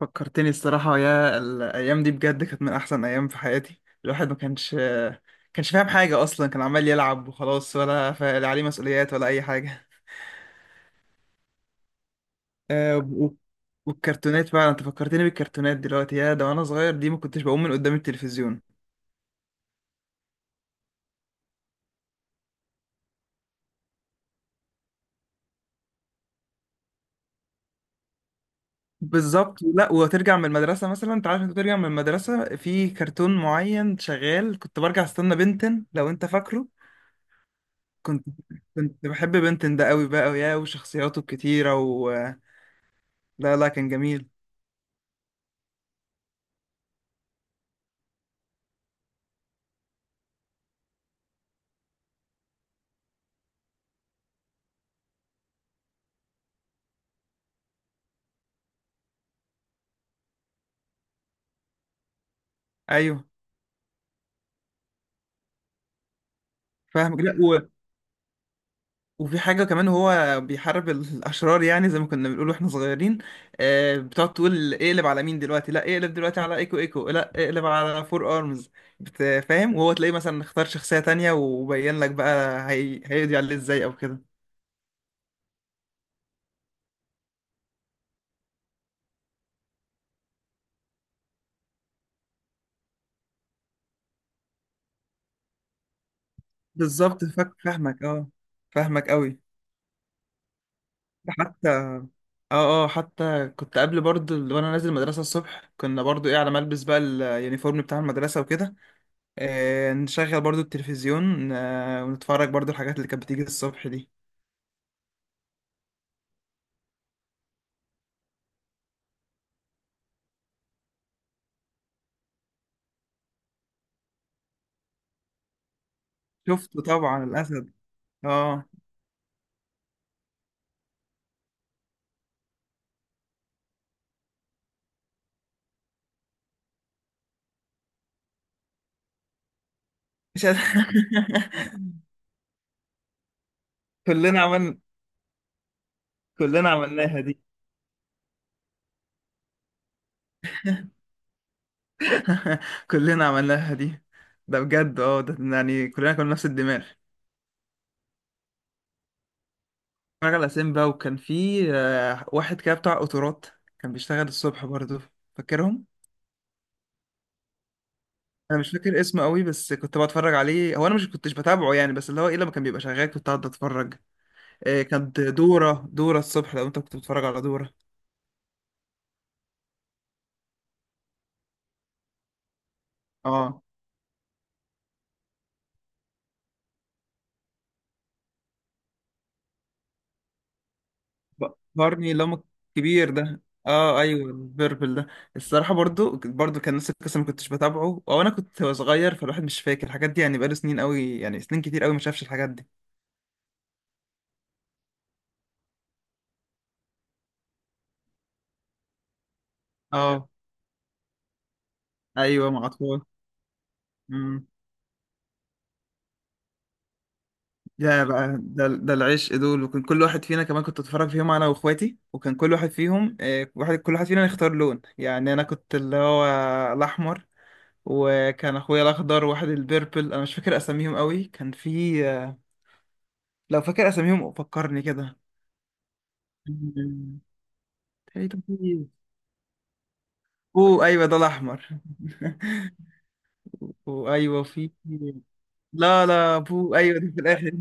فكرتني الصراحة يا الأيام دي بجد كانت من أحسن أيام في حياتي. الواحد ما كانش فاهم حاجة أصلا، كان عمال يلعب وخلاص، ولا لا عليه مسؤوليات ولا أي حاجة. آه، و- والكرتونات فعلا أنت فكرتني بالكرتونات دلوقتي. يا ده وأنا صغير دي ما كنتش بقوم من قدام التلفزيون. بالظبط، لا، وترجع من المدرسة مثلا، أنت عارف أنت ترجع من المدرسة في كرتون معين شغال، كنت برجع أستنى بنتن، لو أنت فاكره. كنت كنت بحب بنتن ده قوي بقى، ويا وشخصياته الكتيرة و لا لا كان جميل. ايوه فاهمك، لا و... وفي حاجه كمان، هو بيحارب الاشرار، يعني زي ما كنا بنقول واحنا صغيرين. آه، بتقعد تقول اقلب على مين دلوقتي، لا اقلب دلوقتي على ايكو ايكو، لا اقلب على فور ارمز. فاهم، وهو تلاقيه مثلا اختار شخصيه تانية وبين لك بقى هيقضي عليه ازاي او كده. بالظبط فاهمك اه، فاهمك قوي. ده حتى اه اه حتى كنت قبل برضه وانا نازل المدرسه الصبح، كنا برضه ايه على ما البس بقى اليونيفورم بتاع المدرسه وكده. نشغل برضو التلفزيون، ونتفرج برضو الحاجات اللي كانت بتيجي الصبح دي. شفته طبعا الأسد. اه مش هت... كلنا عمل، كلنا عملناها دي. كلنا عملناها دي. ده بجد اه، ده يعني كلنا كنا نفس الدماغ. اتفرج على سيمبا، وكان في واحد كده بتاع قطارات، كان بيشتغل الصبح برضو. فاكرهم؟ انا مش فاكر اسمه قوي بس كنت بتفرج عليه. هو انا مش كنتش بتابعه يعني، بس اللي هو ايه لما كان بيبقى شغال كنت قاعد اتفرج. كانت دورة الصبح، لو انت كنت بتتفرج على دورة. اه ب- بارني لما الكبير ده اه ايوه البربل ده. الصراحة برضو برضو كان نفس القصة، ما كنتش بتابعه او انا كنت صغير، فالواحد مش فاكر الحاجات دي يعني، بقاله سنين قوي، يعني سنين كتير قوي ما شافش الحاجات دي. اه ايوه مع اطفال. امم ده بقى، ده ده العشق دول، وكان كل واحد فينا كمان كنت اتفرج فيهم انا واخواتي، وكان كل واحد فيهم واحد، كل واحد فينا يختار لون يعني، انا كنت اللي هو الاحمر، وكان اخويا الاخضر، واحد البيربل. انا مش فاكر اساميهم قوي، كان في لو فاكر اساميهم فكرني كده. تقريبا في بو، ايوه ده الاحمر. وايوه في لا لا بو، ايوه دي في الاخر.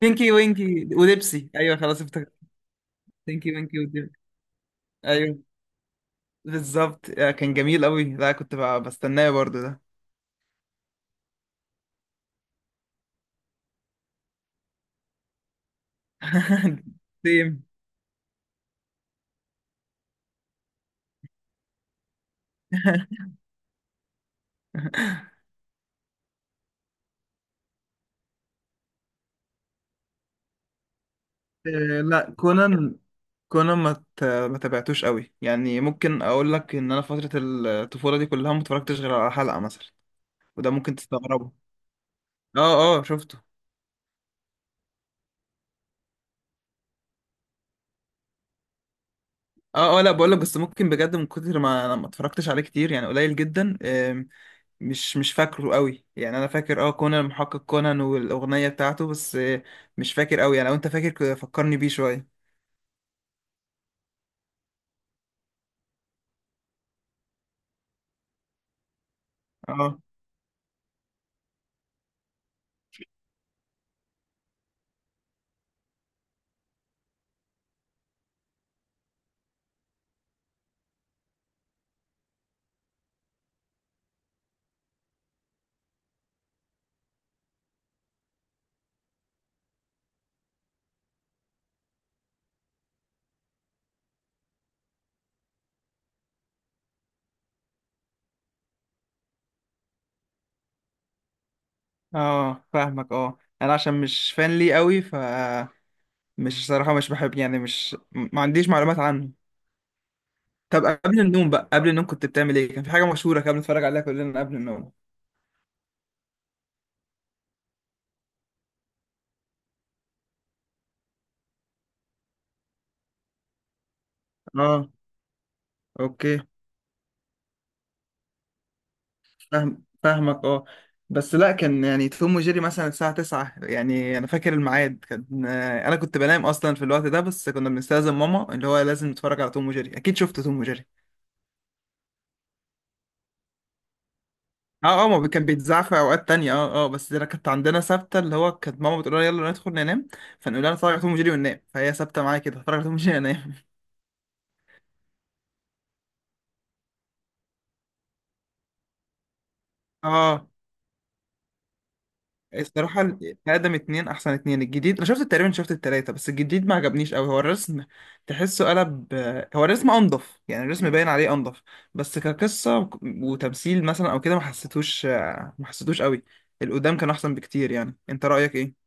بينكي وينكي وديبسي، ايوه خلاص افتكرت. بينكي وينكي وديبسي، ايوه، بالظبط. كان جميل قوي، لا كنت بستناه برضو ده. سيم لا كونان، كونا ما ت- ما تابعتوش قوي يعني. ممكن اقول لك ان انا فتره الطفوله دي كلها ما اتفرجتش غير على حلقه مثلا. وده ممكن تستغربه. اه اه شفته. اه اه، لا بقول لك بس ممكن بجد من كتر ما انا ما اتفرجتش عليه كتير، يعني قليل جدا. مش مش فاكره قوي يعني. انا فاكر اه كونان، المحقق كونان والاغنيه بتاعته بس، مش فاكر قوي يعني. لو انت فاكر فكرني بيه شويه. اه اه فاهمك اه. انا عشان مش فان ليه قوي ف مش صراحه مش بحب، يعني مش ما عنديش معلومات عنه. طب قبل النوم بقى، قبل النوم كنت بتعمل ايه؟ كان في حاجه مشهوره كان بنتفرج عليها كلنا قبل النوم. اه اوكي فاهم، فاهمك اه. بس لا كان يعني توم وجيري مثلا الساعة 9، يعني انا فاكر الميعاد كان، انا كنت بنام اصلا في الوقت ده، بس كنا بنستأذن ماما اللي هو لازم نتفرج على توم وجيري. اكيد شفت توم وجيري؟ اه اه، ما بي- كان بيتذاع في اوقات تانية اه اه، بس انا كانت عندنا ثابته اللي هو، كانت ماما بتقول لنا يلا ندخل ننام، فنقول لها نتفرج على توم وجيري وننام، فهي ثابته معايا كده، اتفرج على توم وجيري انام. اه الصراحة آدم اتنين أحسن اتنين. الجديد أنا شفت تقريبا، شفت التلاتة، بس الجديد ما عجبنيش أوي. هو الرسم تحسه قلب، هو الرسم أنضف يعني، الرسم باين عليه أنضف، بس كقصة وتمثيل مثلا أو كده ما حسيتوش أوي. القدام كان أحسن بكتير يعني. أنت رأيك إيه؟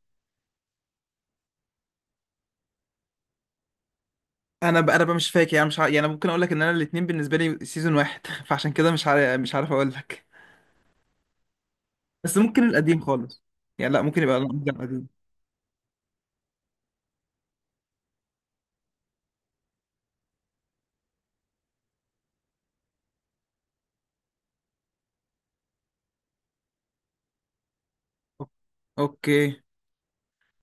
أنا بقى مش فاكر يعني، مش ع... يعني أنا ممكن أقول لك إن أنا الاتنين بالنسبة لي سيزون واحد. فعشان كده مش عارف أقول لك. بس ممكن القديم خالص يعني، لا ممكن يبقى القديم. أوكي،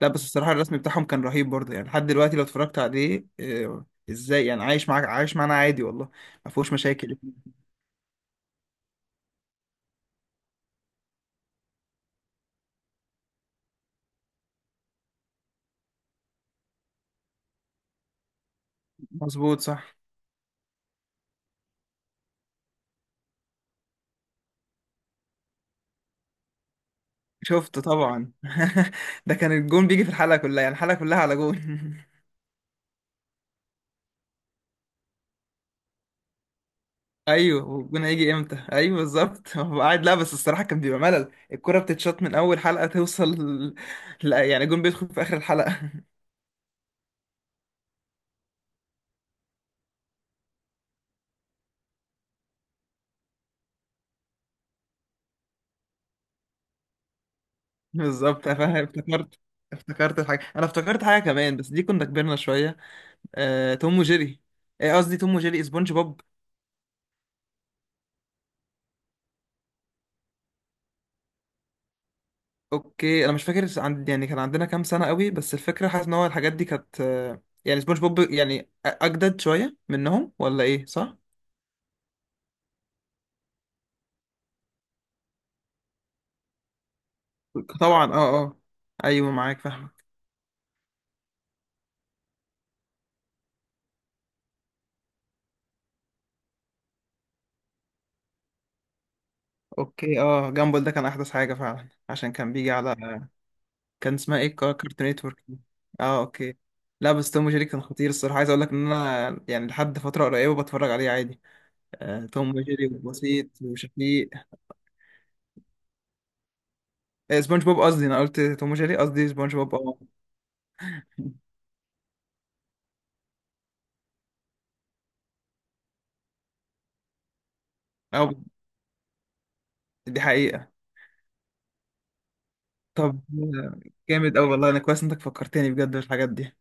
لا بس الصراحة الرسم بتاعهم كان رهيب برضه يعني، لحد دلوقتي لو اتفرجت عليه ازاي، يعني عايش معاك، عايش معانا عادي والله، ما فيهوش مشاكل. مظبوط صح. شفت طبعا. ده كان الجون بيجي في الحلقة كلها، يعني الحلقة كلها على جون. ايوه والجون هيجي امتى، ايوه بالظبط. هو قاعد لا، بس الصراحة كان بيبقى ملل، الكرة بتتشاط من اول حلقة توصل. لا يعني الجون بيدخل في اخر الحلقة. بالظبط أنا فاهم. افتكرت، افتكرت الحاجة. انا افتكرت حاجة كمان بس دي كنا كبرنا شوية، آه، توم وجيري آه، قصدي توم وجيري سبونج بوب. اوكي انا مش فاكر عند، يعني كان عندنا كام سنه قوي، بس الفكره حاسس ان هو الحاجات دي كانت يعني سبونج بوب يعني اجدد شويه منهم ولا ايه، صح؟ طبعا اه اه، ايوه معاك فاهمك. اوكي اه، جامبل ده كان احدث حاجه فعلا، عشان كان بيجي على كان اسمها ايه كارتون نتورك. اه اوكي. لا بس توم وجيري كان خطير الصراحه. عايز اقول لك ان انا يعني لحد فتره قريبه بتفرج عليه عادي. آه، توم وجيري وبسيط وشفيق آه، سبونج بوب قصدي انا قلت توم وجيري قصدي سبونج بوب اه اه. دي حقيقة. طب آه، جامد أوي والله، أنا كويس إنك فكرتني بجد بالحاجات دي.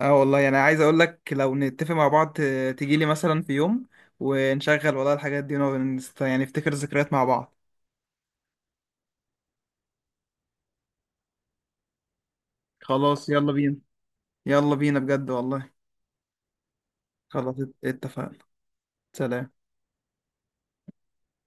اه والله، يعني عايز أقول لك لو نتفق مع بعض، تجيلي مثلا في يوم ونشغل والله الحاجات دي ونقعد يعني نفتكر ذكريات مع بعض. خلاص يلا بينا، يلا بينا بجد والله. خلاص اتفقنا. سلام.